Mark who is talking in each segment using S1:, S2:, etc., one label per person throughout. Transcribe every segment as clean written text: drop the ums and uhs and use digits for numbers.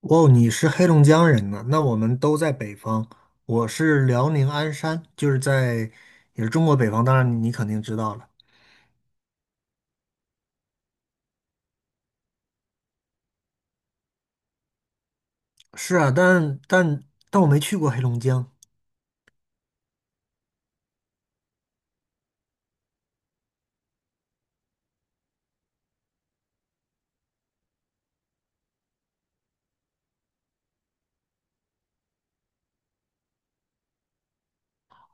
S1: 哦，你是黑龙江人呢？那我们都在北方。我是辽宁鞍山，就是在也是中国北方，当然你肯定知道了。是啊，但我没去过黑龙江。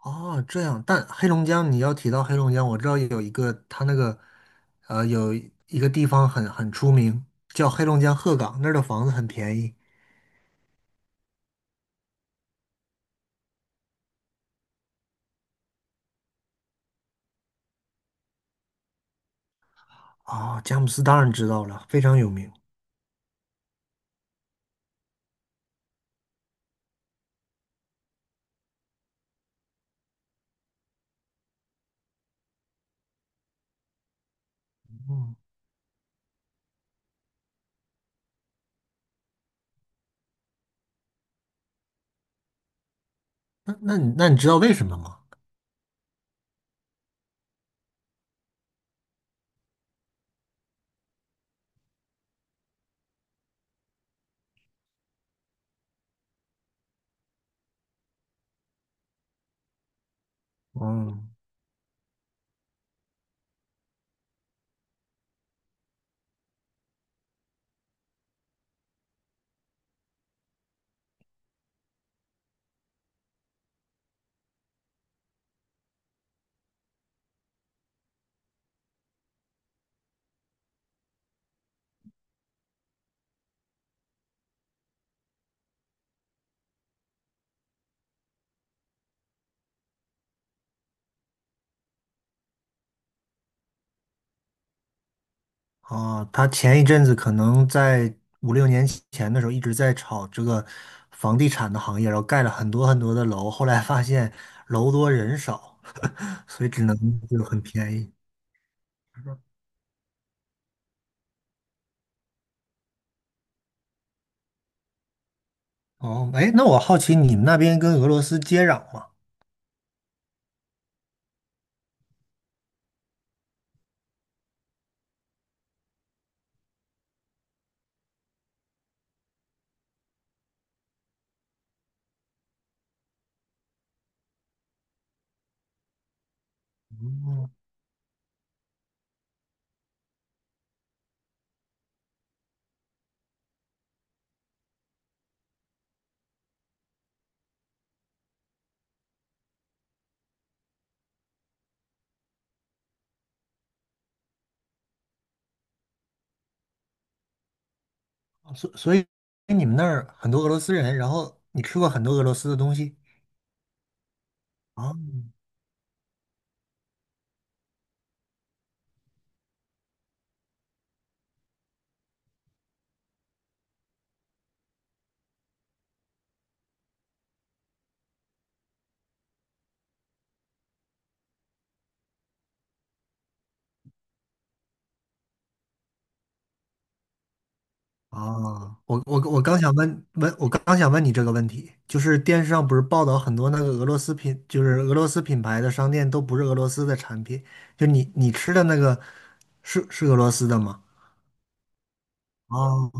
S1: 哦，这样，但黑龙江你要提到黑龙江，我知道有一个他那个有一个地方很出名，叫黑龙江鹤岗，那儿的房子很便宜。啊、佳木斯当然知道了，非常有名。嗯，那你知道为什么吗？嗯。哦，他前一阵子可能在五六年前的时候一直在炒这个房地产的行业，然后盖了很多很多的楼，后来发现楼多人少，所以只能就很便宜。哦，哎，那我好奇你们那边跟俄罗斯接壤吗？嗯，所以你们那儿很多俄罗斯人，然后你吃过很多俄罗斯的东西啊？哦，我刚想问问，我刚想问你这个问题，就是电视上不是报道很多那个俄罗斯品，就是俄罗斯品牌的商店都不是俄罗斯的产品，就你吃的那个是俄罗斯的吗？哦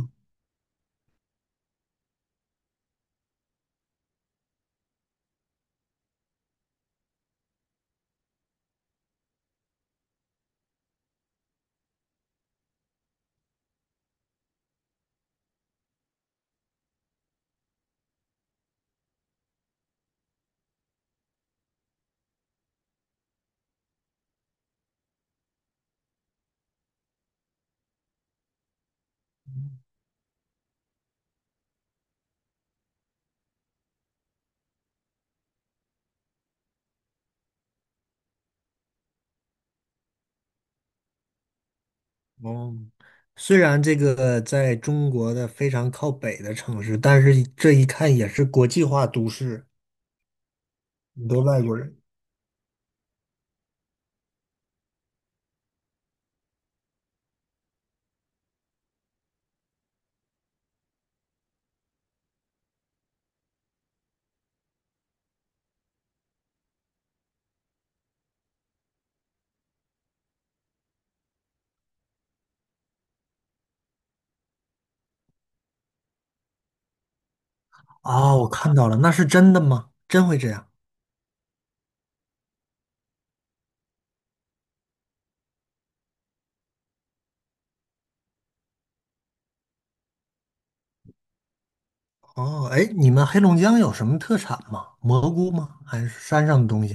S1: 哦，虽然这个在中国的非常靠北的城市，但是这一看也是国际化都市，很多外国人。哦，我看到了，那是真的吗？真会这样？哦，哎，你们黑龙江有什么特产吗？蘑菇吗？还是山上的东西？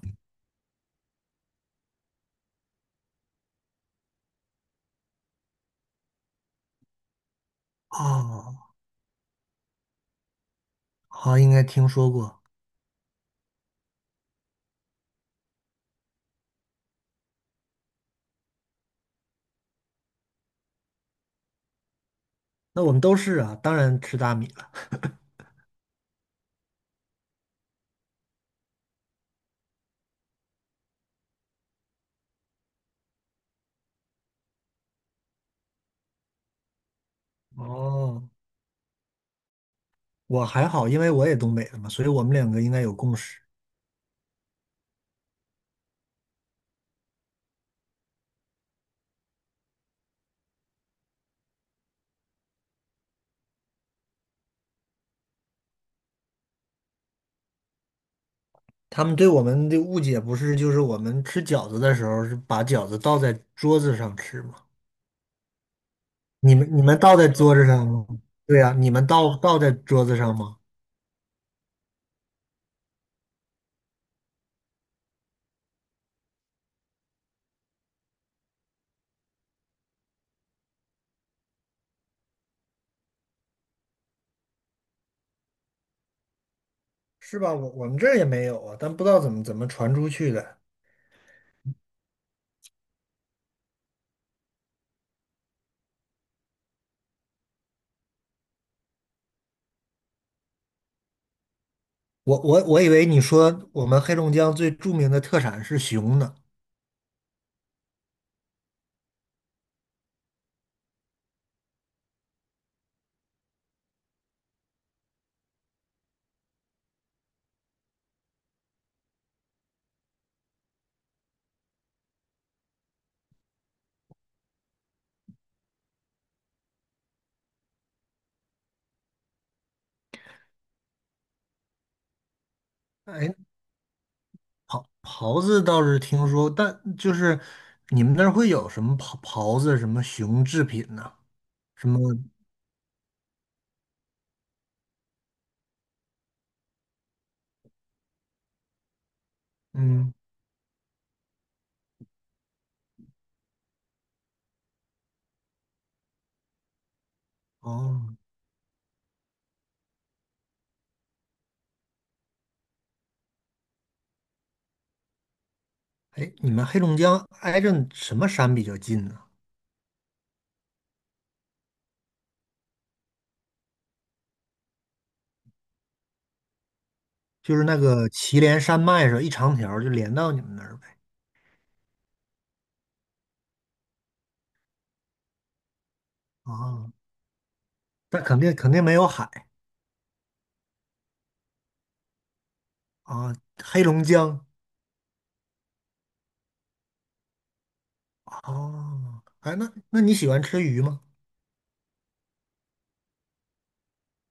S1: 哦，好，应该听说过。那我们都是啊，当然吃大米了。哦，我还好，因为我也东北的嘛，所以我们两个应该有共识。他们对我们的误解不是，就是我们吃饺子的时候是把饺子倒在桌子上吃吗？你们倒在桌子上吗？对呀，你们倒在桌子上吗？是吧？我们这儿也没有啊，但不知道怎么传出去的。我以为你说我们黑龙江最著名的特产是熊呢。哎，袍子倒是听说，但就是你们那儿会有什么袍袍子、什么熊制品呢、什么嗯哦，哎，你们黑龙江挨着什么山比较近呢？就是那个祁连山脉上一长条儿就连到你们那儿呗。啊，那肯定没有海啊，黑龙江哦，哎，那那你喜欢吃鱼吗？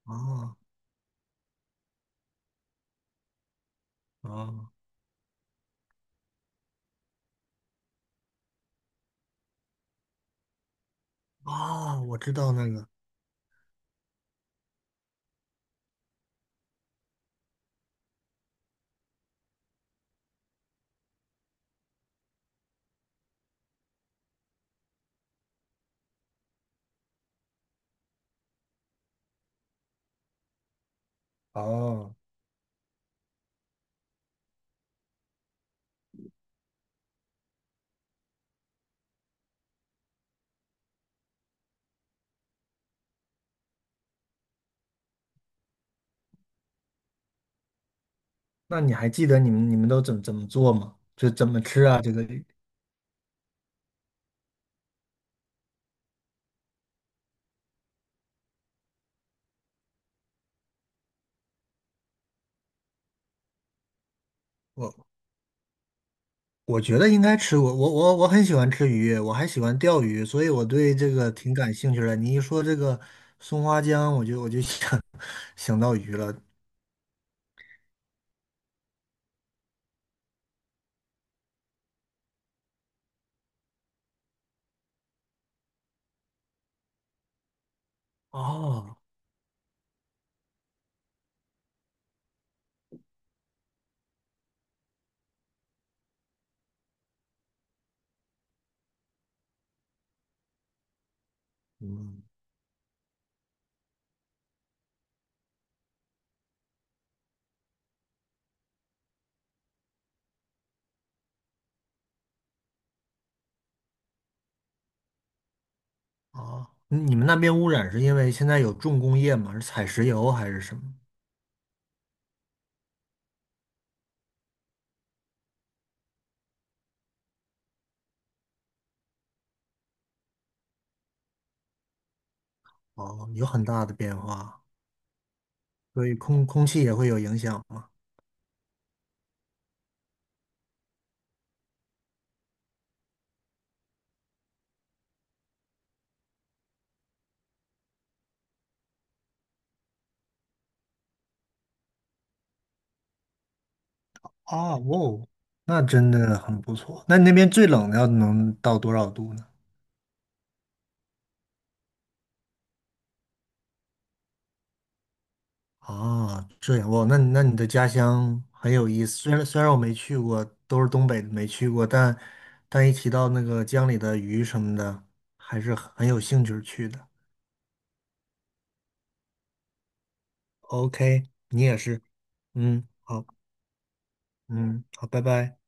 S1: 啊啊啊，我知道那个哦。那你还记得你们都怎么做吗？就怎么吃啊？这个我我觉得应该吃，我很喜欢吃鱼，我还喜欢钓鱼，所以我对这个挺感兴趣的。你一说这个松花江，我就想 想到鱼了。哦，嗯，哦，你们那边污染是因为现在有重工业吗？是采石油还是什么？哦，有很大的变化，所以空气也会有影响吗？哦，哦，那真的很不错。那你那边最冷的要能到多少度呢？啊，这样哇，那你的家乡很有意思。虽然我没去过，都是东北的没去过，但但一提到那个江里的鱼什么的，还是很有兴趣去的。OK,你也是。嗯，好，嗯，好，拜拜。